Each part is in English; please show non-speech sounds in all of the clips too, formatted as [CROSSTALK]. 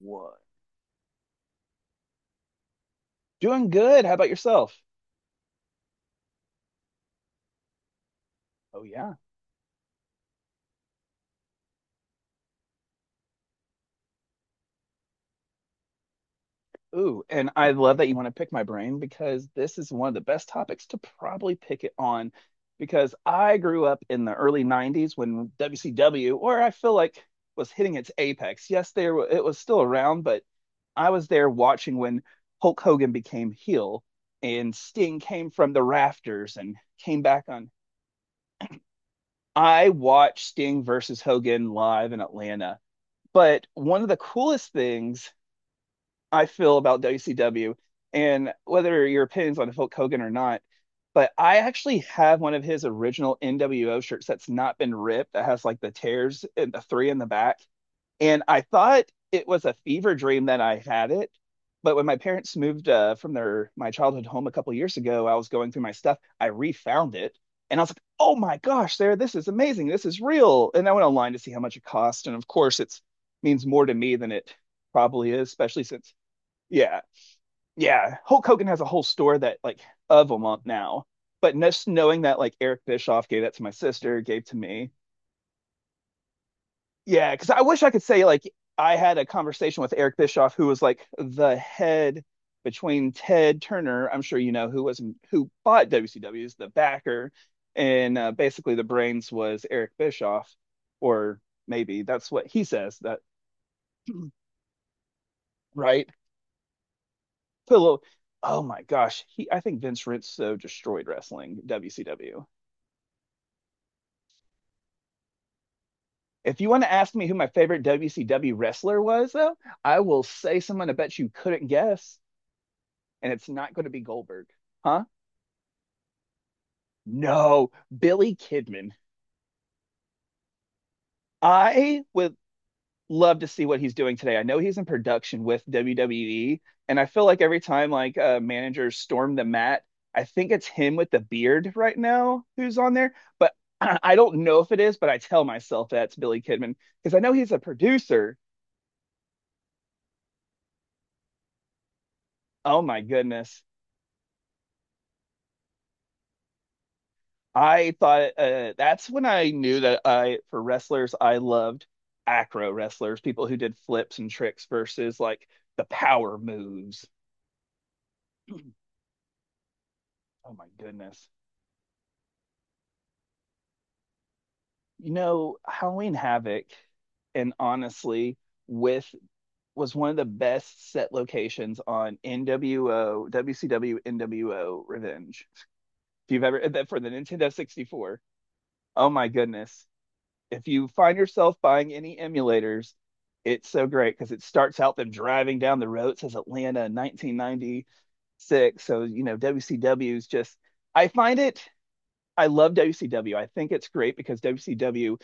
What? Doing good. How about yourself? Oh yeah. Ooh, and I love that you want to pick my brain because this is one of the best topics to probably pick it on because I grew up in the early 90s when WCW, or I feel like, was hitting its apex. Yes, it was still around, but I was there watching when Hulk Hogan became heel and Sting came from the rafters and came back on. I watched Sting versus Hogan live in Atlanta. But one of the coolest things I feel about WCW, and whether your opinions on Hulk Hogan or not. But I actually have one of his original NWO shirts that's not been ripped, that has like the tears and the three in the back. And I thought it was a fever dream that I had it. But when my parents moved from their my childhood home a couple years ago, I was going through my stuff. I refound it, and I was like, "Oh my gosh, Sarah, this is amazing! This is real!" And I went online to see how much it cost, and of course, it's means more to me than it probably is, especially since. Yeah, yeah. Hulk Hogan has a whole store that like of them up now. But just knowing that like Eric Bischoff gave that to my sister, gave to me. Yeah, because I wish I could say like I had a conversation with Eric Bischoff, who was like the head between Ted Turner, I'm sure you know, who was not who bought WCW, is the backer, and basically the brains was Eric Bischoff, or maybe that's what he says that. [CLEARS THROAT] Right. Put a little. Oh my gosh, he. I think Vince Rizzo destroyed wrestling WCW. If you want to ask me who my favorite WCW wrestler was, though, I will say someone I bet you couldn't guess, and it's not going to be Goldberg, huh? No, Billy Kidman. I would love to see what he's doing today. I know he's in production with WWE, and I feel like every time like managers storm the mat, I think it's him with the beard right now who's on there. But [CLEARS THROAT] I don't know if it is, but I tell myself that's Billy Kidman because I know he's a producer. Oh my goodness. I thought that's when I knew that for wrestlers, I loved acro wrestlers, people who did flips and tricks versus like the power moves. Oh my goodness. You know, Halloween Havoc, and honestly, with was one of the best set locations on NWO, WCW, NWO Revenge. If you've ever that for the Nintendo 64, oh my goodness. If you find yourself buying any emulators, it's so great because it starts out them driving down the road. It says Atlanta 1996. So, you know, WCW is just, I find it I love WCW. I think it's great because WCW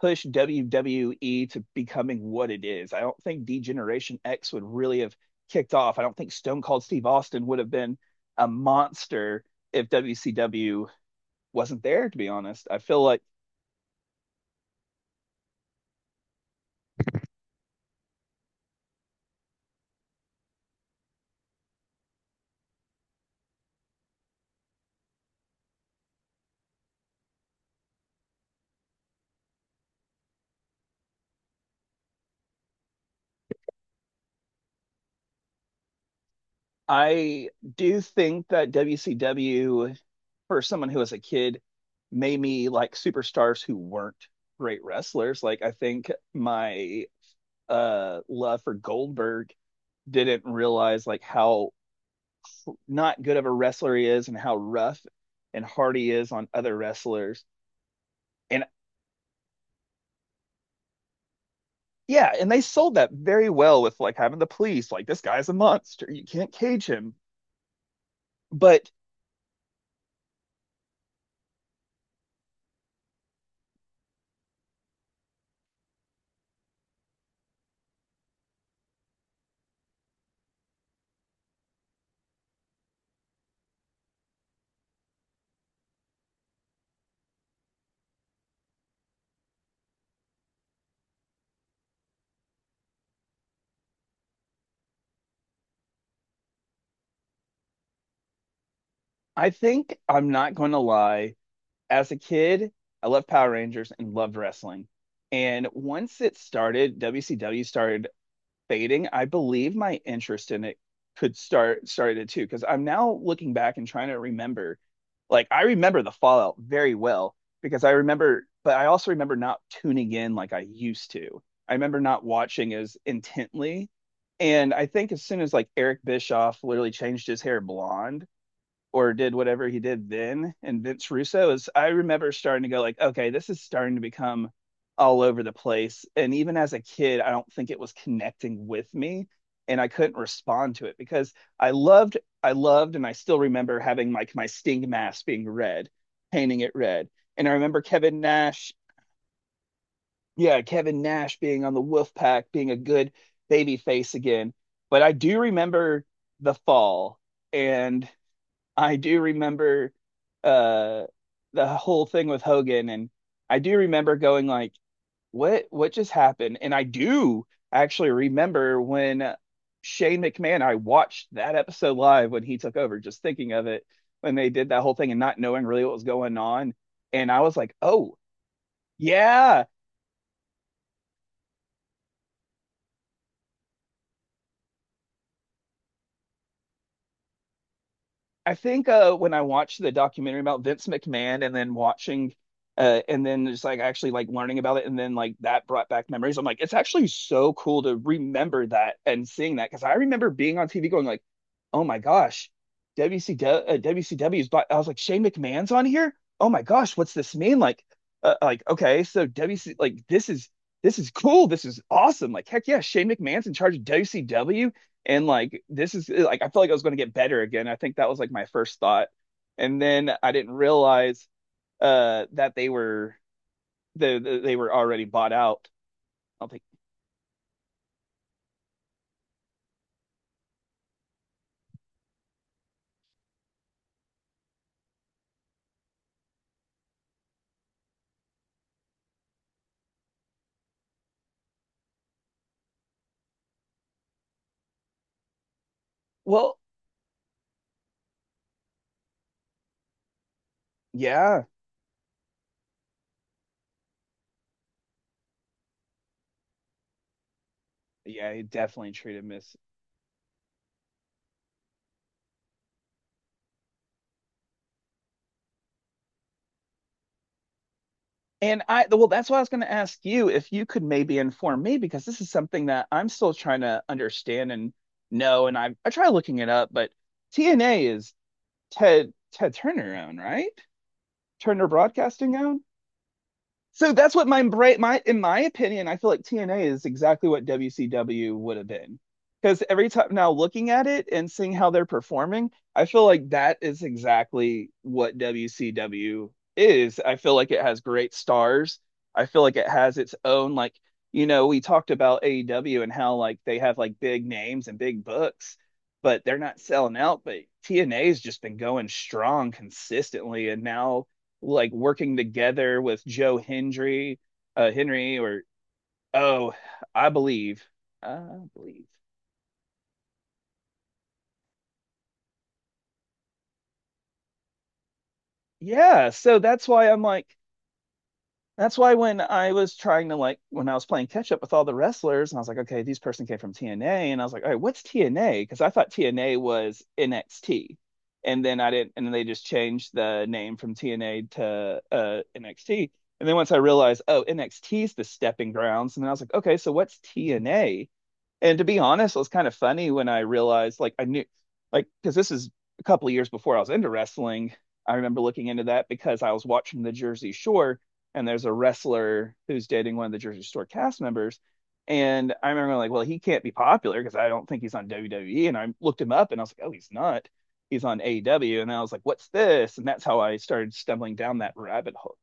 pushed WWE to becoming what it is. I don't think Degeneration X would really have kicked off. I don't think Stone Cold Steve Austin would have been a monster if WCW wasn't there, to be honest. I feel like I do think that WCW, for someone who was a kid, made me like superstars who weren't great wrestlers. Like I think my love for Goldberg didn't realize like how not good of a wrestler he is and how rough and hard he is on other wrestlers. And yeah, and they sold that very well with like having the police like this guy's a monster. You can't cage him. But I think I'm not going to lie. As a kid, I loved Power Rangers and loved wrestling. And once it started, WCW started fading, I believe my interest in it could started too, because I'm now looking back and trying to remember. Like I remember the Fallout very well because I remember, but I also remember not tuning in like I used to. I remember not watching as intently. And I think as soon as like Eric Bischoff literally changed his hair blonde, or did whatever he did then and Vince Russo is, I remember starting to go like, okay, this is starting to become all over the place. And even as a kid, I don't think it was connecting with me, and I couldn't respond to it because I loved I loved and I still remember having like my sting mask being red, painting it red. And I remember Kevin Nash, yeah, Kevin Nash being on the Wolfpack, being a good baby face again. But I do remember the fall, and I do remember uh the whole thing with Hogan, and I do remember going like, what just happened? And I do actually remember when Shane McMahon, I watched that episode live when he took over, just thinking of it when they did that whole thing and not knowing really what was going on. And I was like, oh, yeah, I think when I watched the documentary about Vince McMahon and then watching and then just like actually like learning about it and then like that brought back memories. I'm like, it's actually so cool to remember that and seeing that because I remember being on TV going like, oh my gosh, WCW, WCW's, but I was like, Shane McMahon's on here? Oh my gosh, what's this mean? Like, like, okay, so WC like this is cool. This is awesome. Like, heck yeah, Shane McMahon's in charge of WCW, and like this is like I felt like I was going to get better again. I think that was like my first thought, and then I didn't realize that they were the they were already bought out. I'll think, well, yeah, yeah, he definitely treated Miss. And I, well, that's why I was going to ask you if you could maybe inform me, because this is something that I'm still trying to understand and know, and I try looking it up, but TNA is Ted Turner own, right? Turner Broadcasting own. So that's what my brain, my in my opinion, I feel like TNA is exactly what WCW would have been. Because every time now looking at it and seeing how they're performing, I feel like that is exactly what WCW is. I feel like it has great stars. I feel like it has its own like, you know, we talked about AEW and how like they have like big names and big books, but they're not selling out. But TNA's just been going strong consistently, and now like working together with Joe Hendry, Henry, or oh, I believe, I believe, yeah. So that's why I'm like, that's why when I was trying to like, when I was playing catch up with all the wrestlers, and I was like, okay, this person came from TNA, and I was like, all right, what's TNA? Because I thought TNA was NXT, and then I didn't, and then they just changed the name from TNA to NXT. And then once I realized, oh, NXT is the stepping grounds, and then I was like, okay, so what's TNA? And to be honest, it was kind of funny when I realized, like, I knew, like, because this is a couple of years before I was into wrestling. I remember looking into that because I was watching the Jersey Shore, and there's a wrestler who's dating one of the Jersey Shore cast members. And I remember, like, well, he can't be popular because I don't think he's on WWE. And I looked him up and I was like, oh, he's not. He's on AEW. And I was like, what's this? And that's how I started stumbling down that rabbit hole.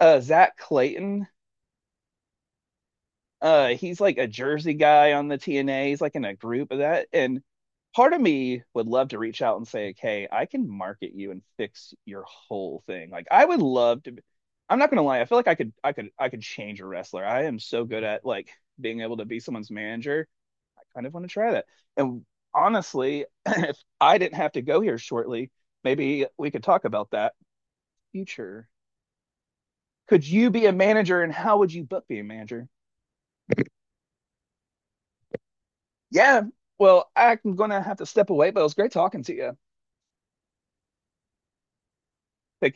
Zach Clayton he's like a Jersey guy on the TNA. He's like in a group of that. And part of me would love to reach out and say, "Hey, I can market you and fix your whole thing." Like I would love to. I'm not gonna lie. I feel like I could change a wrestler. I am so good at like being able to be someone's manager. I kind of want to try that. And honestly, [CLEARS THROAT] [LAUGHS] if I didn't have to go here shortly, maybe we could talk about that future. Could you be a manager, and how would you book be a manager? Yeah. Well, I'm gonna have to step away, but it was great talking to you. Take care.